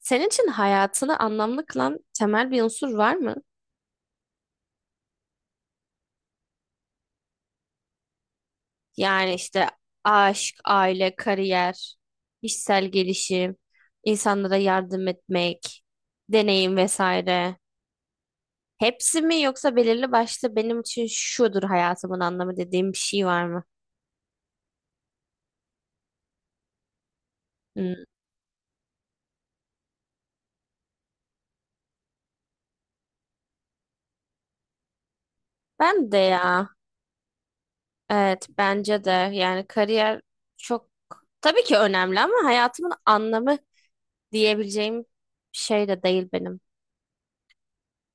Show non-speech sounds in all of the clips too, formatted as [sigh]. Senin için hayatını anlamlı kılan temel bir unsur var mı? Yani işte aşk, aile, kariyer, kişisel gelişim, insanlara yardım etmek, deneyim vesaire. Hepsi mi yoksa belirli başlı benim için şudur hayatımın anlamı dediğim bir şey var mı? Hmm. Ben de ya. Evet bence de yani kariyer çok tabii ki önemli ama hayatımın anlamı diyebileceğim şey de değil benim.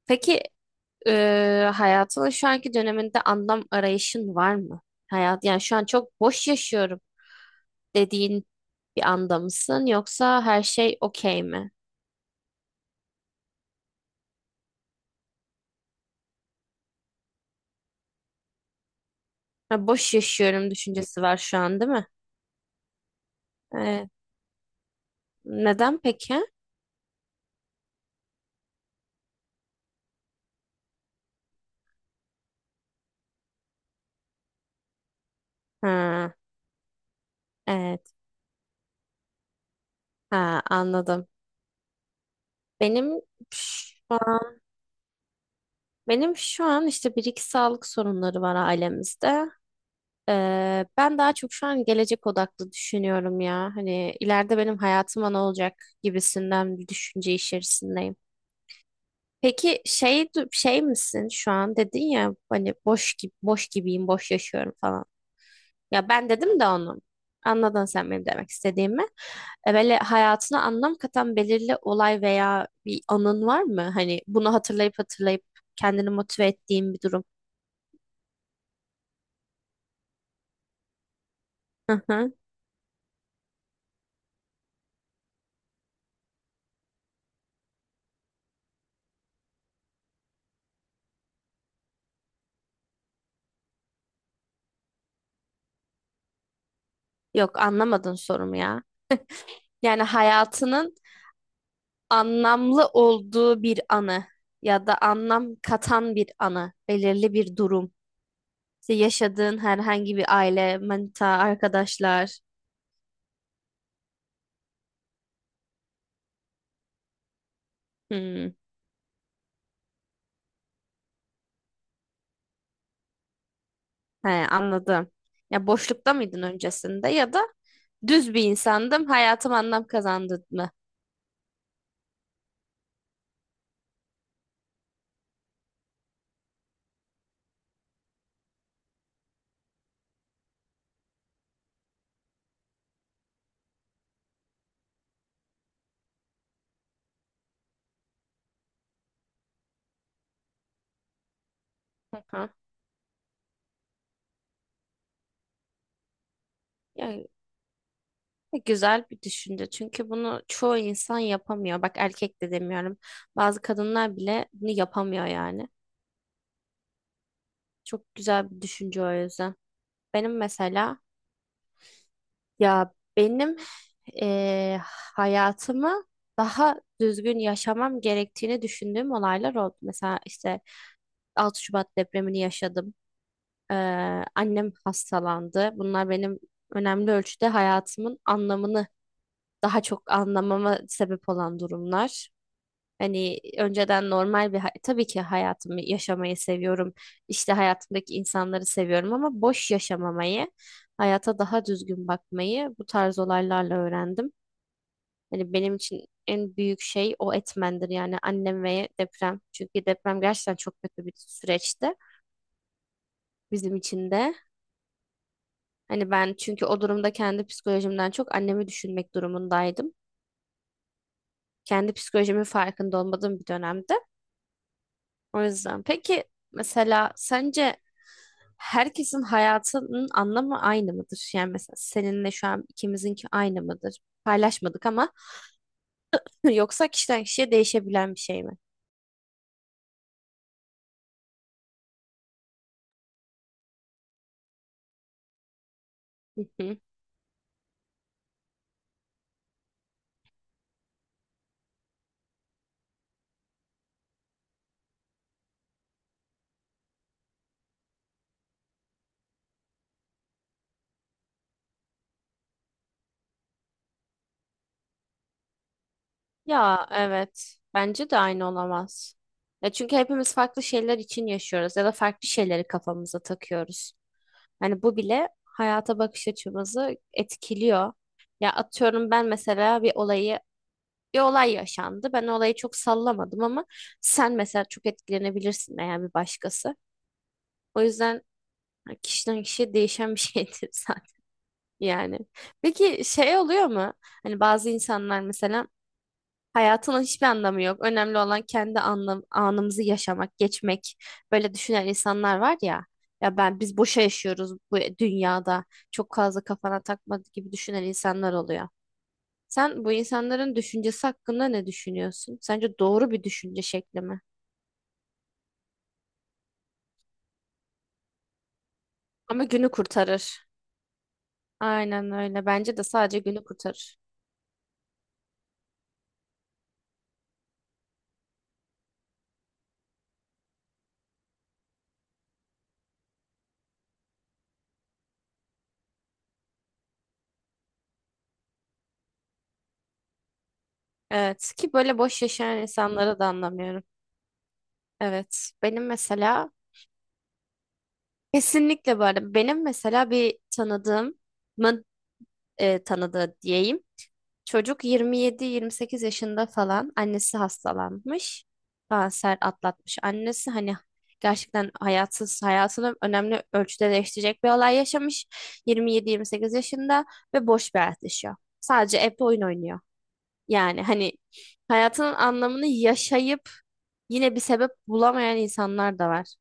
Peki, hayatının şu anki döneminde anlam arayışın var mı? Hayat, yani şu an çok boş yaşıyorum dediğin bir anda mısın yoksa her şey okey mi? Ha, boş yaşıyorum düşüncesi var şu an değil mi? Ee, Neden peki? Ha, evet. Ha, anladım. Benim şu an, benim şu an işte bir iki sağlık sorunları var ailemizde. Ben daha çok şu an gelecek odaklı düşünüyorum ya. Hani ileride benim hayatıma ne olacak gibisinden bir düşünce içerisindeyim. Peki, şey misin şu an dedin ya hani boş gibi boş gibiyim, boş yaşıyorum falan. Ya ben dedim de onu. Anladın sen benim demek istediğimi. Böyle hayatına anlam katan belirli olay veya bir anın var mı? Hani bunu hatırlayıp hatırlayıp kendini motive ettiğin bir durum. Hı hı. Yok anlamadın sorumu ya. Yani hayatının anlamlı olduğu bir anı ya da anlam katan bir anı, belirli bir durum. İşte yaşadığın herhangi bir aile, manita, arkadaşlar. Hmm, he, anladım. Ya boşlukta mıydın öncesinde ya da düz bir insandım, hayatım anlam kazandı mı? Hı hı. Yani güzel bir düşünce çünkü bunu çoğu insan yapamıyor. Bak erkek de demiyorum. Bazı kadınlar bile bunu yapamıyor yani. Çok güzel bir düşünce o yüzden. Benim mesela Ya benim eee, hayatımı daha düzgün yaşamam gerektiğini düşündüğüm olaylar oldu. Mesela işte 6 Şubat depremini yaşadım. Annem hastalandı. Bunlar benim önemli ölçüde hayatımın anlamını daha çok anlamama sebep olan durumlar. Hani önceden normal bir tabii ki hayatımı yaşamayı seviyorum. İşte hayatımdaki insanları seviyorum ama boş yaşamamayı, hayata daha düzgün bakmayı bu tarz olaylarla öğrendim. Hani benim için en büyük şey o etmendir yani annem ve deprem. Çünkü deprem gerçekten çok kötü bir süreçti bizim için de. Hani ben çünkü o durumda kendi psikolojimden çok annemi düşünmek durumundaydım. Kendi psikolojimin farkında olmadığım bir dönemde. O yüzden peki mesela sence herkesin hayatının anlamı aynı mıdır? Yani mesela seninle şu an ikimizinki aynı mıdır? Paylaşmadık ama [laughs] yoksa kişiden kişiye değişebilen bir şey mi? Hı hı. Ya evet. Bence de aynı olamaz. Ya çünkü hepimiz farklı şeyler için yaşıyoruz ya da farklı şeyleri kafamıza takıyoruz. Hani bu bile hayata bakış açımızı etkiliyor. Ya atıyorum ben mesela bir olay yaşandı. Ben olayı çok sallamadım ama sen mesela çok etkilenebilirsin eğer bir başkası. O yüzden hani, kişiden kişiye değişen bir [laughs] şeydir zaten yani. Peki şey oluyor mu? Hani bazı insanlar mesela hayatının hiçbir anlamı yok. Önemli olan kendi anlam anımızı yaşamak, geçmek. Böyle düşünen insanlar var ya. Ya ben biz boşa yaşıyoruz bu dünyada. Çok fazla kafana takma gibi düşünen insanlar oluyor. Sen bu insanların düşüncesi hakkında ne düşünüyorsun? Sence doğru bir düşünce şekli mi? Ama günü kurtarır. Aynen öyle. Bence de sadece günü kurtarır. Evet ki böyle boş yaşayan insanları da anlamıyorum. Evet benim mesela kesinlikle bu arada benim mesela bir tanıdığımın tanıdığı diyeyim. Çocuk 27-28 yaşında falan annesi hastalanmış. Kanser atlatmış. Annesi hani gerçekten hayatsız hayatını önemli ölçüde değiştirecek bir olay yaşamış. 27-28 yaşında ve boş bir hayat yaşıyor. Sadece evde oyun oynuyor. Yani hani hayatının anlamını yaşayıp yine bir sebep bulamayan insanlar da var.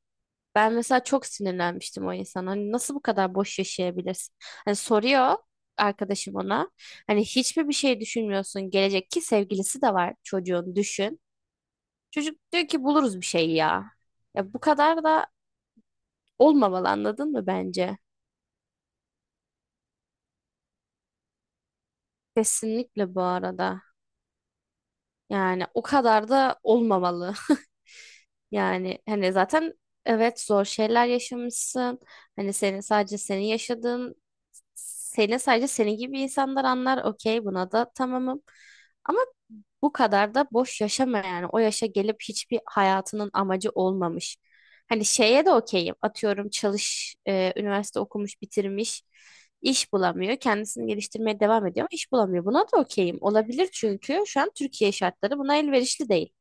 Ben mesela çok sinirlenmiştim o insana. Hani nasıl bu kadar boş yaşayabilirsin? Hani soruyor arkadaşım ona. Hani hiçbir bir şey düşünmüyorsun. Gelecek ki sevgilisi de var çocuğun düşün. Çocuk diyor ki buluruz bir şey ya. Ya bu kadar da olmamalı anladın mı bence? Kesinlikle bu arada. Yani o kadar da olmamalı. Yani hani zaten evet zor şeyler yaşamışsın. Hani senin sadece senin yaşadığın seni sadece senin gibi insanlar anlar. Okey buna da tamamım. Ama bu kadar da boş yaşama yani. O yaşa gelip hiçbir hayatının amacı olmamış. Hani şeye de okeyim. Atıyorum çalış, üniversite okumuş, bitirmiş, iş bulamıyor. Kendisini geliştirmeye devam ediyor ama iş bulamıyor. Buna da okeyim. Olabilir çünkü şu an Türkiye şartları buna elverişli değil.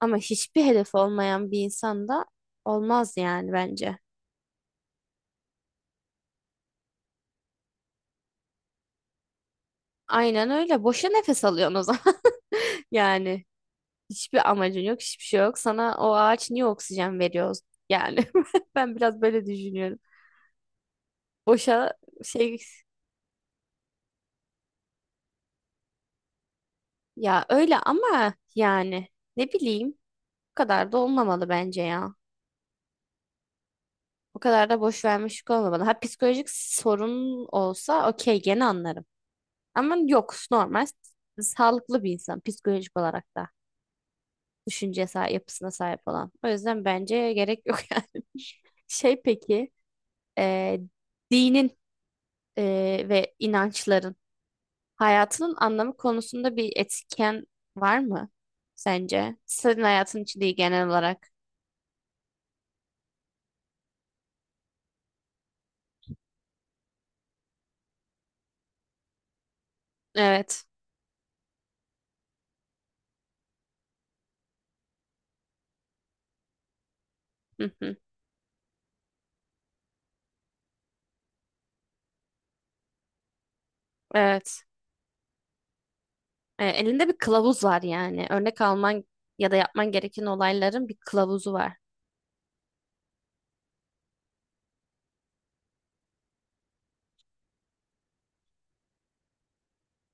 Ama hiçbir hedef olmayan bir insan da olmaz yani bence. Aynen öyle. Boşa nefes alıyorsun o zaman. [laughs] Yani hiçbir amacın yok, hiçbir şey yok. Sana o ağaç niye oksijen veriyor? Yani [laughs] ben biraz böyle düşünüyorum. Boşa şey ya öyle ama yani ne bileyim o kadar da olmamalı bence ya. O kadar da boş vermişlik olmamalı. Ha psikolojik sorun olsa okey gene anlarım. Ama yok normal sağlıklı bir insan psikolojik olarak da. Düşünce yapısına sahip olan. O yüzden bence gerek yok [laughs] yani. Şey peki, e, dinin ve inançların hayatının anlamı konusunda bir etken var mı sence? Senin hayatın için değil genel olarak. Evet. Hı hı. Evet. E, elinde bir kılavuz var yani. Örnek alman ya da yapman gereken olayların bir kılavuzu var.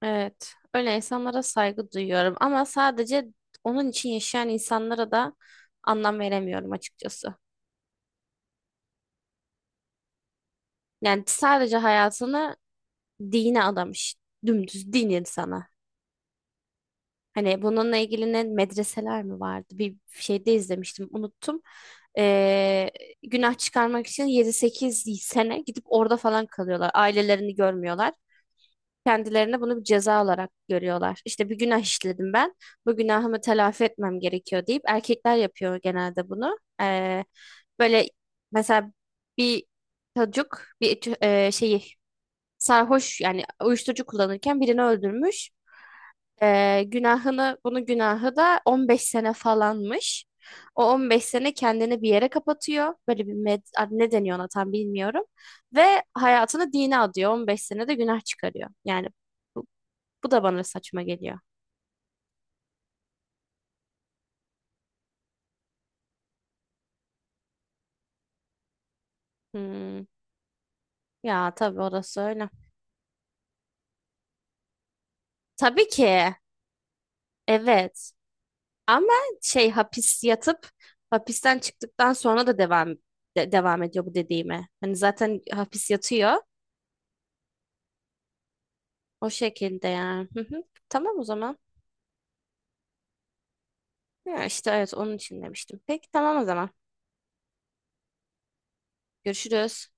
Evet, öyle insanlara saygı duyuyorum ama sadece onun için yaşayan insanlara da anlam veremiyorum açıkçası. Yani sadece hayatını dine adamış, dümdüz din insanı. Hani bununla ilgili ne medreseler mi vardı? Bir şeyde izlemiştim, unuttum. Ee, Günah çıkarmak için 7-8 sene gidip orada falan kalıyorlar. Ailelerini görmüyorlar. Kendilerine bunu bir ceza olarak görüyorlar. İşte bir günah işledim ben. Bu günahımı telafi etmem gerekiyor deyip erkekler yapıyor genelde bunu. Böyle mesela bir çocuk şeyi sarhoş yani uyuşturucu kullanırken birini öldürmüş. Bunun günahı da 15 sene falanmış. O 15 sene kendini bir yere kapatıyor. Böyle bir ne deniyor ona tam bilmiyorum. Ve hayatını dine adıyor. 15 sene de günah çıkarıyor. Yani bu da bana saçma geliyor. Hmm. Ya tabii orası öyle. Tabii ki. Evet. Ama şey hapis yatıp hapisten çıktıktan sonra da devam ediyor bu dediğime. Hani zaten hapis yatıyor. O şekilde yani. Hı hı. Tamam o zaman. Ya işte evet onun için demiştim. Peki tamam o zaman. Görüşürüz.